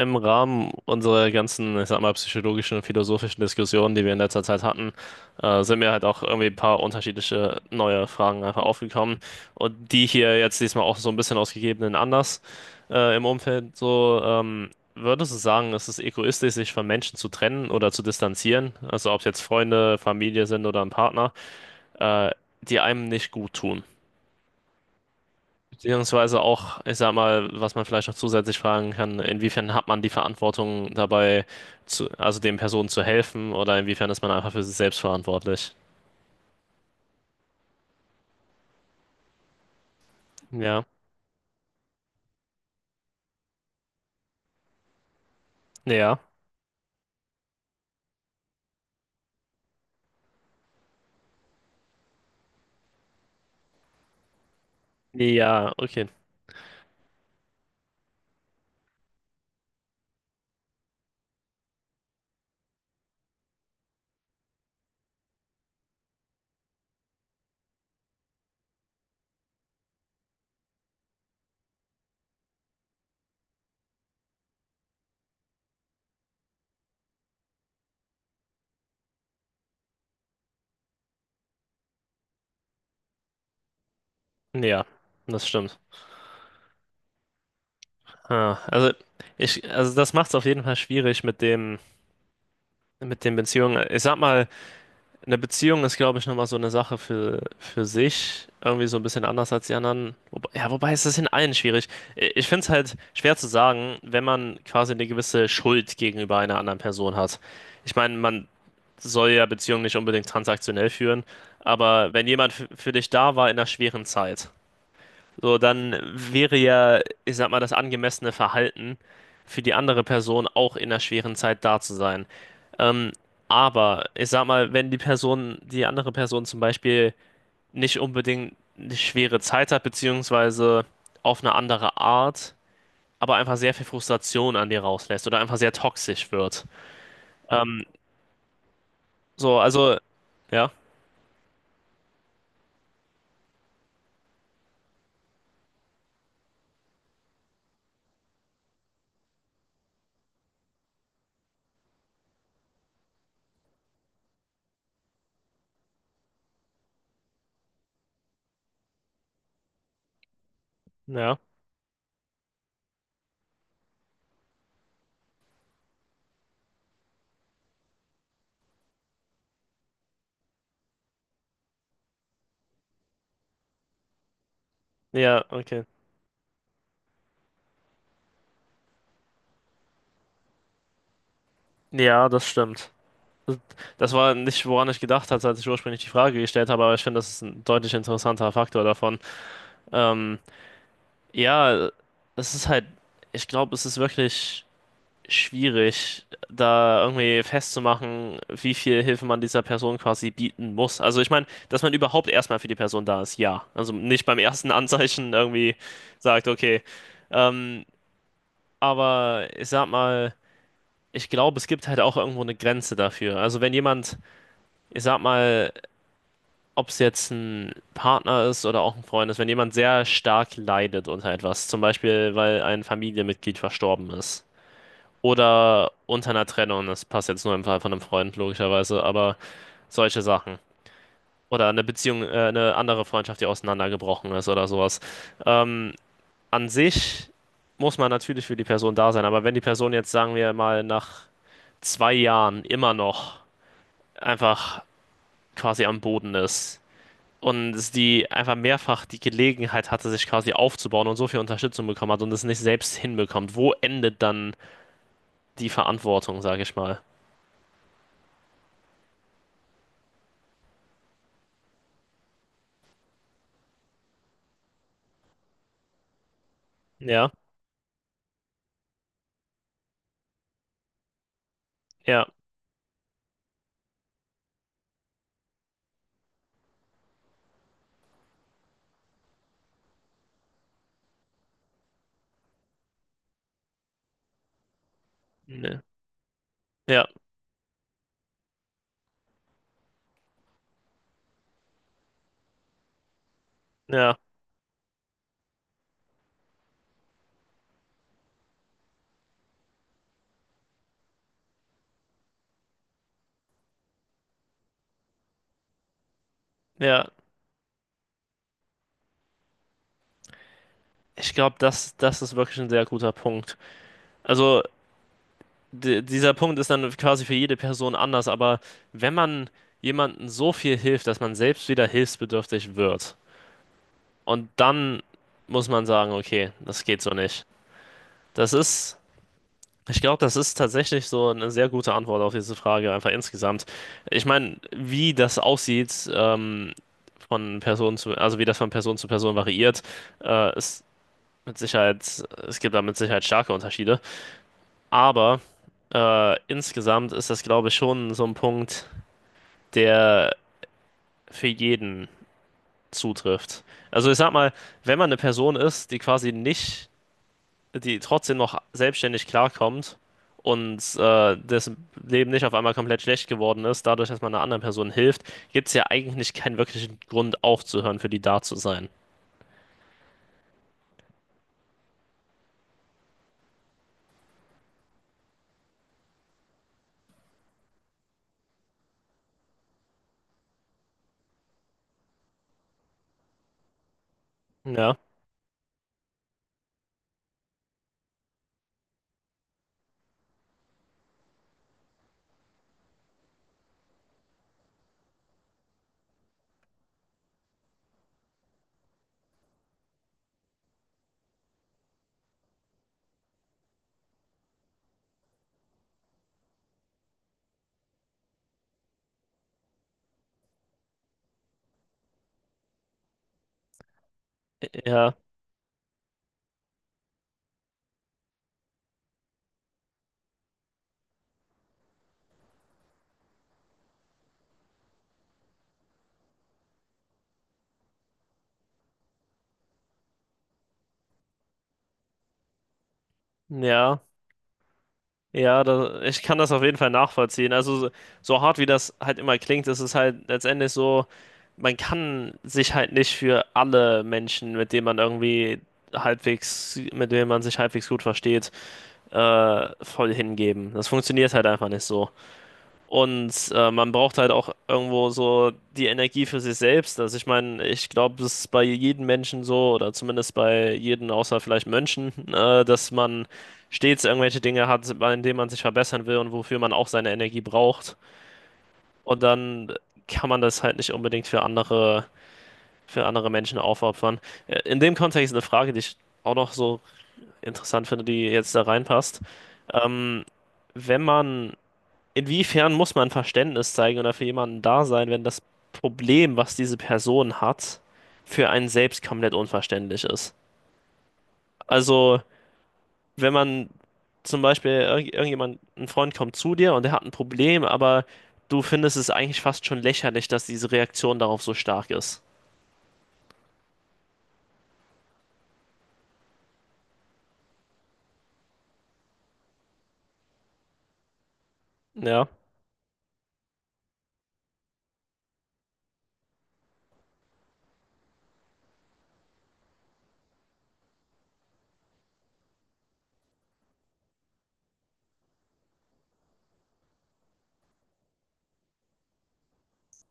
Im Rahmen unserer ganzen, ich sag mal, psychologischen und philosophischen Diskussionen, die wir in letzter Zeit hatten, sind mir halt auch irgendwie ein paar unterschiedliche neue Fragen einfach aufgekommen. Und die hier jetzt diesmal auch so ein bisschen aus gegebenen Anlass im Umfeld so, würdest du sagen, es ist egoistisch, sich von Menschen zu trennen oder zu distanzieren? Also ob es jetzt Freunde, Familie sind oder ein Partner, äh, die einem nicht gut tun. Beziehungsweise auch, ich sag mal, was man vielleicht noch zusätzlich fragen kann, inwiefern hat man die Verantwortung dabei, also den Personen zu helfen oder inwiefern ist man einfach für sich selbst verantwortlich? Ja, ja, ja, okay, ja, das stimmt. Ah, also also das macht es auf jeden Fall schwierig mit mit den Beziehungen. Ich sag mal, eine Beziehung ist, glaube ich, nochmal so eine Sache für sich. Irgendwie so ein bisschen anders als die anderen. Wobei, ja, wobei ist das in allen schwierig. Ich finde es halt schwer zu sagen, wenn man quasi eine gewisse Schuld gegenüber einer anderen Person hat. Ich meine, man soll ja Beziehungen nicht unbedingt transaktionell führen, aber wenn jemand für dich da war in einer schweren Zeit, so dann wäre ja, ich sag mal, das angemessene Verhalten für die andere Person auch in einer schweren Zeit da zu sein. Ähm, aber ich sag mal, wenn die Person, die andere Person zum Beispiel nicht unbedingt eine schwere Zeit hat, beziehungsweise auf eine andere Art, aber einfach sehr viel Frustration an dir rauslässt oder einfach sehr toxisch wird. Ähm, so, also, ja, ja, ja, okay. Ja, das stimmt. Das war nicht, woran ich gedacht hatte, als ich ursprünglich die Frage gestellt habe, aber ich finde, das ist ein deutlich interessanter Faktor davon. Ähm, ja, das ist halt, ich glaube, es ist wirklich schwierig, da irgendwie festzumachen, wie viel Hilfe man dieser Person quasi bieten muss. Also ich meine, dass man überhaupt erstmal für die Person da ist, ja. Also nicht beim ersten Anzeichen irgendwie sagt, okay. Ähm, aber ich sag mal, ich glaube, es gibt halt auch irgendwo eine Grenze dafür. Also wenn jemand, ich sag mal, ob es jetzt ein Partner ist oder auch ein Freund ist, wenn jemand sehr stark leidet unter etwas, zum Beispiel, weil ein Familienmitglied verstorben ist. Oder unter einer Trennung, das passt jetzt nur im Fall von einem Freund, logischerweise, aber solche Sachen. Oder eine Beziehung, eine andere Freundschaft, die auseinandergebrochen ist oder sowas. Ähm, an sich muss man natürlich für die Person da sein, aber wenn die Person jetzt, sagen wir mal, nach 2 Jahren immer noch einfach quasi am Boden ist und es die einfach mehrfach die Gelegenheit hatte, sich quasi aufzubauen und so viel Unterstützung bekommen hat und es nicht selbst hinbekommt, wo endet dann die Verantwortung, sage ich mal? Ja, ja. Ne. Ja, ja, ja. Ich glaube, das ist wirklich ein sehr guter Punkt. Also, dieser Punkt ist dann quasi für jede Person anders, aber wenn man jemandem so viel hilft, dass man selbst wieder hilfsbedürftig wird, und dann muss man sagen, okay, das geht so nicht. Das ist, ich glaube, das ist tatsächlich so eine sehr gute Antwort auf diese Frage, einfach insgesamt. Ich meine, wie das aussieht, von Person also wie das von Person zu Person variiert, ist mit Sicherheit, es gibt da mit Sicherheit starke Unterschiede. Aber insgesamt ist das, glaube ich, schon so ein Punkt, der für jeden zutrifft. Also ich sag mal, wenn man eine Person ist, die quasi nicht, die trotzdem noch selbstständig klarkommt und dessen Leben nicht auf einmal komplett schlecht geworden ist, dadurch, dass man einer anderen Person hilft, gibt es ja eigentlich keinen wirklichen Grund aufzuhören, für die da zu sein. Ja, ja, ja. Ja, da, ich kann das auf jeden Fall nachvollziehen. Also so, so hart wie das halt immer klingt, ist es halt letztendlich so, man kann sich halt nicht für alle Menschen, mit denen man irgendwie halbwegs, mit denen man sich halbwegs gut versteht, voll hingeben. Das funktioniert halt einfach nicht so. Und man braucht halt auch irgendwo so die Energie für sich selbst. Also ich meine, ich glaube, es ist bei jedem Menschen so, oder zumindest bei jedem außer vielleicht Mönchen, dass man stets irgendwelche Dinge hat, bei denen man sich verbessern will und wofür man auch seine Energie braucht. Und dann kann man das halt nicht unbedingt für andere Menschen aufopfern. In dem Kontext eine Frage, die ich auch noch so interessant finde, die jetzt da reinpasst. Ähm, wenn man inwiefern muss man Verständnis zeigen oder für jemanden da sein, wenn das Problem, was diese Person hat, für einen selbst komplett unverständlich ist? Also, wenn man zum Beispiel irgendjemand, ein Freund kommt zu dir und der hat ein Problem, aber du findest es eigentlich fast schon lächerlich, dass diese Reaktion darauf so stark ist. Ja,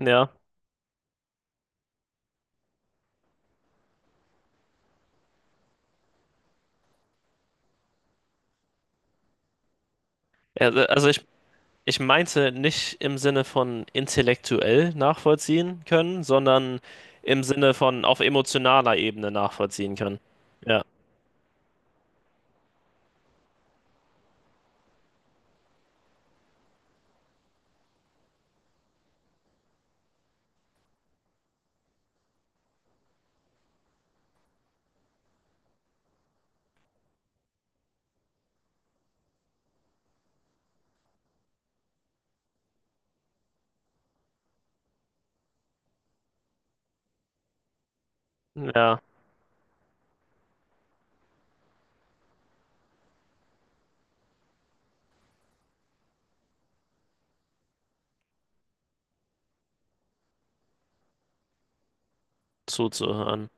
ja. Ja, also ich meinte nicht im Sinne von intellektuell nachvollziehen können, sondern im Sinne von auf emotionaler Ebene nachvollziehen können. Ja. Ja, zuzuhören.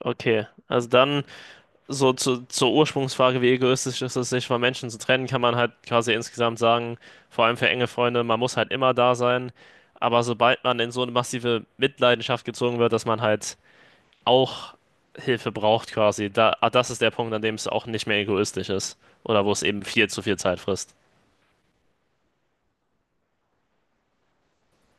Okay, also dann so zur Ursprungsfrage, wie egoistisch ist es, sich von Menschen zu trennen, kann man halt quasi insgesamt sagen, vor allem für enge Freunde, man muss halt immer da sein. Aber sobald man in so eine massive Mitleidenschaft gezogen wird, dass man halt auch Hilfe braucht quasi, da, ah, das ist der Punkt, an dem es auch nicht mehr egoistisch ist oder wo es eben viel zu viel Zeit frisst.